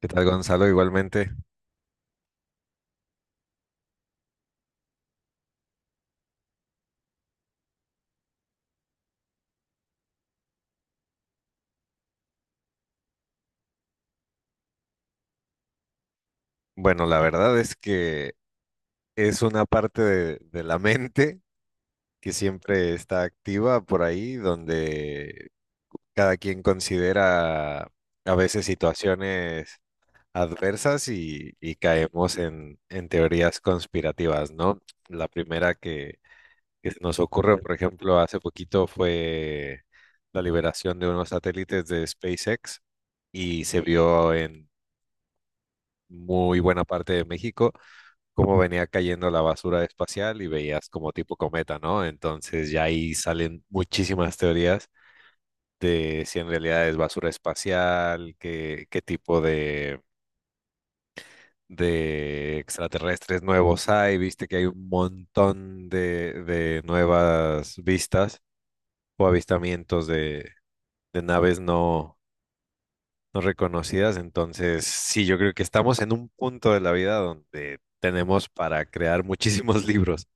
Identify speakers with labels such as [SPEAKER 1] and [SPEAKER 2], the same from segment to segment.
[SPEAKER 1] ¿Qué tal, Gonzalo? Igualmente. Bueno, la verdad es que es una parte de la mente que siempre está activa por ahí, donde cada quien considera a veces situaciones adversas y caemos en teorías conspirativas, ¿no? La primera que se nos ocurre, por ejemplo, hace poquito fue la liberación de unos satélites de SpaceX y se vio en muy buena parte de México cómo venía cayendo la basura espacial y veías como tipo cometa, ¿no? Entonces ya ahí salen muchísimas teorías de si en realidad es basura espacial, qué tipo de, extraterrestres nuevos hay, viste que hay un montón de nuevas vistas o avistamientos de, naves no reconocidas. Entonces, sí, yo creo que estamos en un punto de la vida donde tenemos para crear muchísimos libros.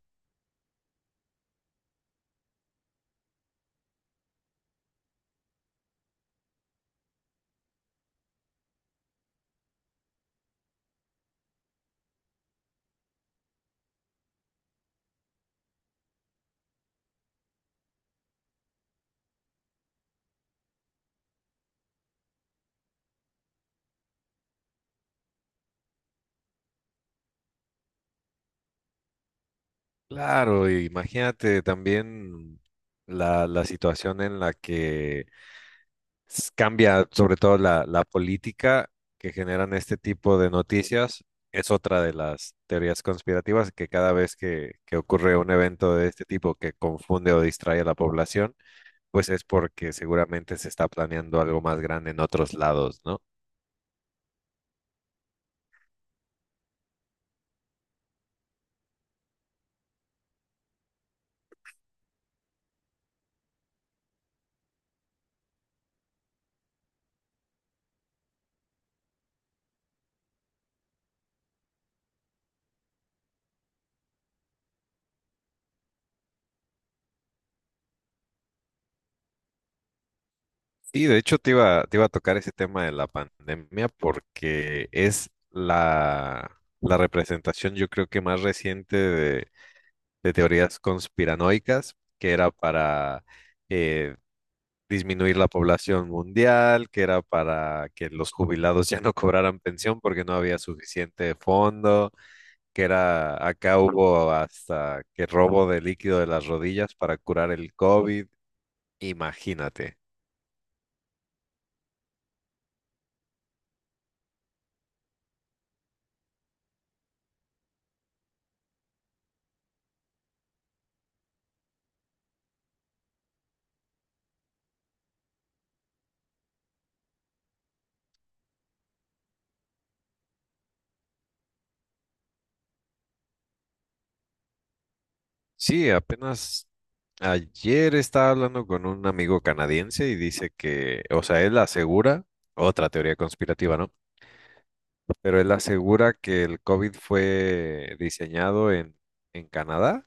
[SPEAKER 1] Claro, y imagínate también la situación en la que cambia sobre todo la política que generan este tipo de noticias. Es otra de las teorías conspirativas que cada vez que ocurre un evento de este tipo que confunde o distrae a la población, pues es porque seguramente se está planeando algo más grande en otros lados, ¿no? Y de hecho te iba a tocar ese tema de la pandemia porque es la representación yo creo que más reciente de teorías conspiranoicas, que era para eh, disminuir la población mundial, que era para que los jubilados ya no cobraran pensión porque no había suficiente fondo, que era acá hubo hasta que robo de líquido de las rodillas para curar el COVID, imagínate. Sí, apenas ayer estaba hablando con un amigo canadiense y dice que, o sea, él asegura, otra teoría conspirativa, ¿no? Pero él asegura que el COVID fue diseñado en Canadá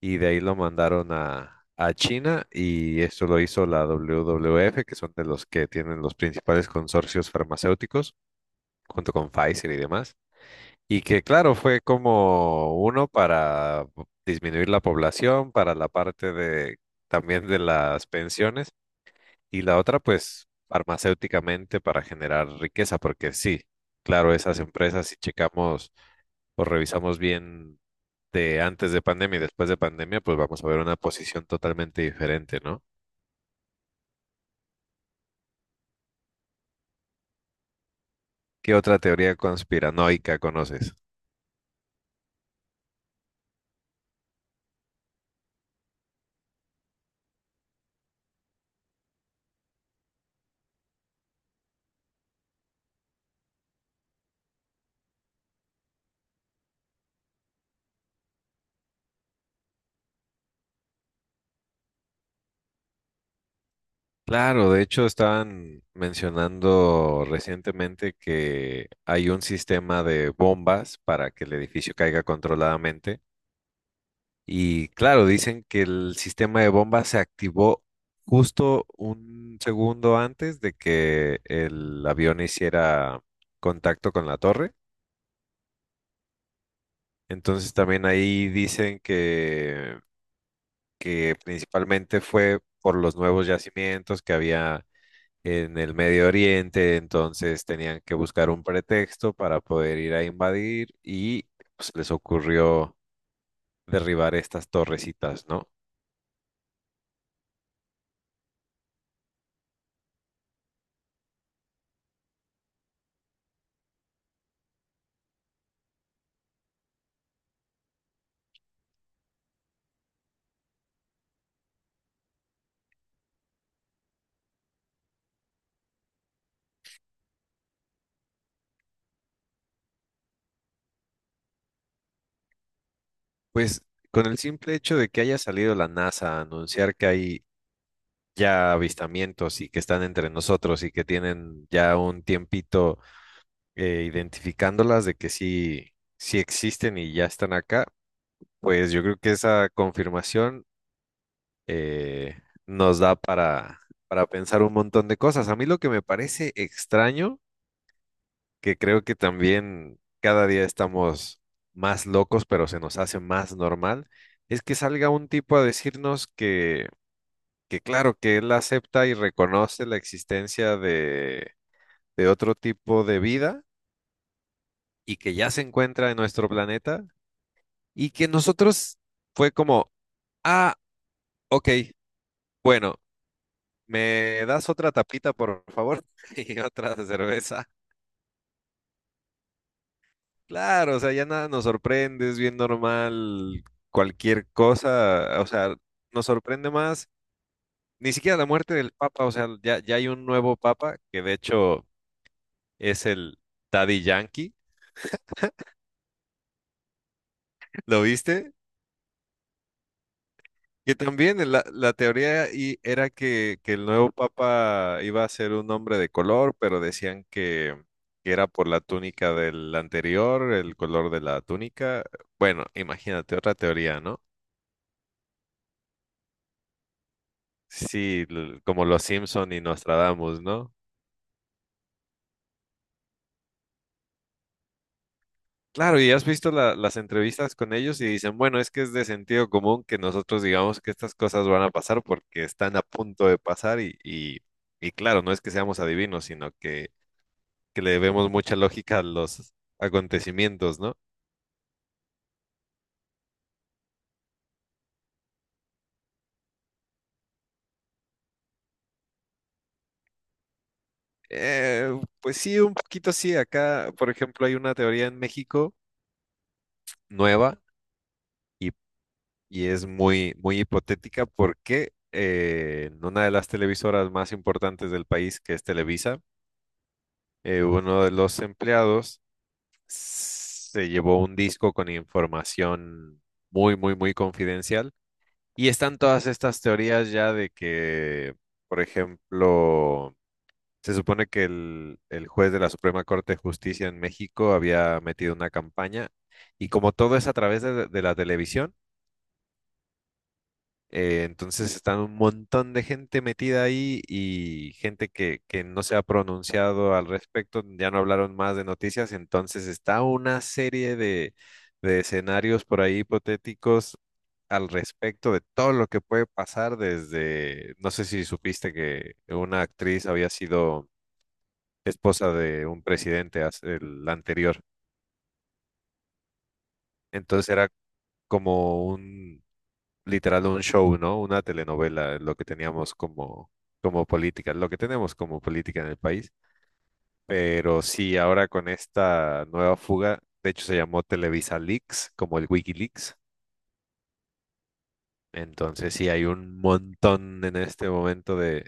[SPEAKER 1] y de ahí lo mandaron a China y esto lo hizo la WWF, que son de los que tienen los principales consorcios farmacéuticos, junto con Pfizer y demás. Y que claro, fue como uno para disminuir la población, para la parte de también de las pensiones, y la otra pues farmacéuticamente para generar riqueza, porque sí, claro, esas empresas si checamos o revisamos bien de antes de pandemia y después de pandemia, pues vamos a ver una posición totalmente diferente, ¿no? ¿Qué otra teoría conspiranoica conoces? Claro, de hecho estaban mencionando recientemente que hay un sistema de bombas para que el edificio caiga controladamente. Y claro, dicen que el sistema de bombas se activó justo un segundo antes de que el avión hiciera contacto con la torre. Entonces también ahí dicen que principalmente fue por los nuevos yacimientos que había en el Medio Oriente, entonces tenían que buscar un pretexto para poder ir a invadir y pues, les ocurrió derribar estas torrecitas, ¿no? Pues con el simple hecho de que haya salido la NASA a anunciar que hay ya avistamientos y que están entre nosotros y que tienen ya un tiempito identificándolas de que sí, sí existen y ya están acá, pues yo creo que esa confirmación eh, nos da para pensar un montón de cosas. A mí lo que me parece extraño, que creo que también cada día estamos más locos, pero se nos hace más normal, es que salga un tipo a decirnos que claro, que él acepta y reconoce la existencia de otro tipo de vida y que ya se encuentra en nuestro planeta y que nosotros fue como, ah, ok, bueno. ¿Me das otra tapita, por favor? Y otra de cerveza. Claro, o sea, ya nada nos sorprende, es bien normal cualquier cosa. O sea, nos sorprende más ni siquiera la muerte del Papa. O sea, ya, ya hay un nuevo Papa que de hecho es el Daddy Yankee. ¿Lo viste? Que también la teoría y era que el nuevo papa iba a ser un hombre de color, pero decían que era por la túnica del anterior, el color de la túnica. Bueno, imagínate otra teoría, ¿no? Sí, como los Simpson y Nostradamus, ¿no? Claro, y has visto las entrevistas con ellos y dicen, bueno, es que es de sentido común que nosotros digamos que estas cosas van a pasar porque están a punto de pasar y claro, no es que seamos adivinos, sino que le vemos mucha lógica a los acontecimientos, ¿no? Eh, pues sí, un poquito sí. Acá, por ejemplo, hay una teoría en México nueva y, y es muy, muy hipotética porque en una de las televisoras más importantes del país, que es Televisa, uno de los empleados se llevó un disco con información muy, muy, muy confidencial. Y están todas estas teorías ya de que, por ejemplo, se supone que el juez de la Suprema Corte de Justicia en México había metido una campaña y como todo es a través de la televisión, entonces están un montón de gente metida ahí y gente que no se ha pronunciado al respecto, ya no hablaron más de noticias, entonces está una serie de escenarios por ahí hipotéticos al respecto de todo lo que puede pasar desde, no sé si supiste que una actriz había sido esposa de un presidente, el anterior. Entonces era como un, literal, un show, ¿no? Una telenovela, lo que teníamos como, como política, lo que tenemos como política en el país. Pero sí, ahora con esta nueva fuga, de hecho se llamó Televisa Leaks, como el Wikileaks. Entonces sí, hay un montón en este momento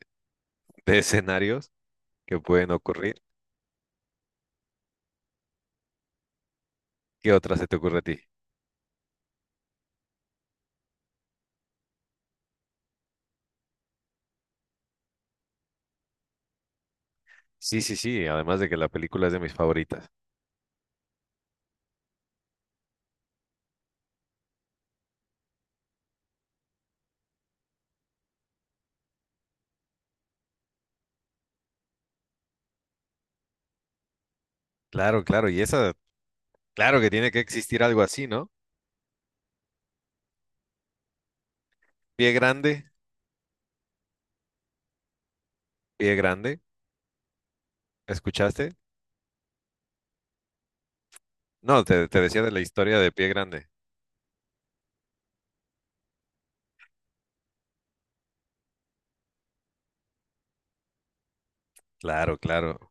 [SPEAKER 1] de escenarios que pueden ocurrir. ¿Qué otra se te ocurre a ti? Sí, sí, sí, además de que la película es de mis favoritas. Claro, claro, y esa. Claro que tiene que existir algo así, ¿no? Pie grande, pie grande. ¿Escuchaste? No, te decía de la historia de pie grande. Claro, claro.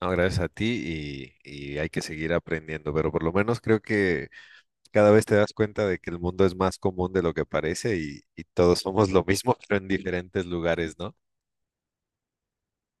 [SPEAKER 1] No, gracias a ti y hay que seguir aprendiendo, pero por lo menos creo que cada vez te das cuenta de que el mundo es más común de lo que parece y todos somos lo mismo, pero en diferentes lugares, ¿no?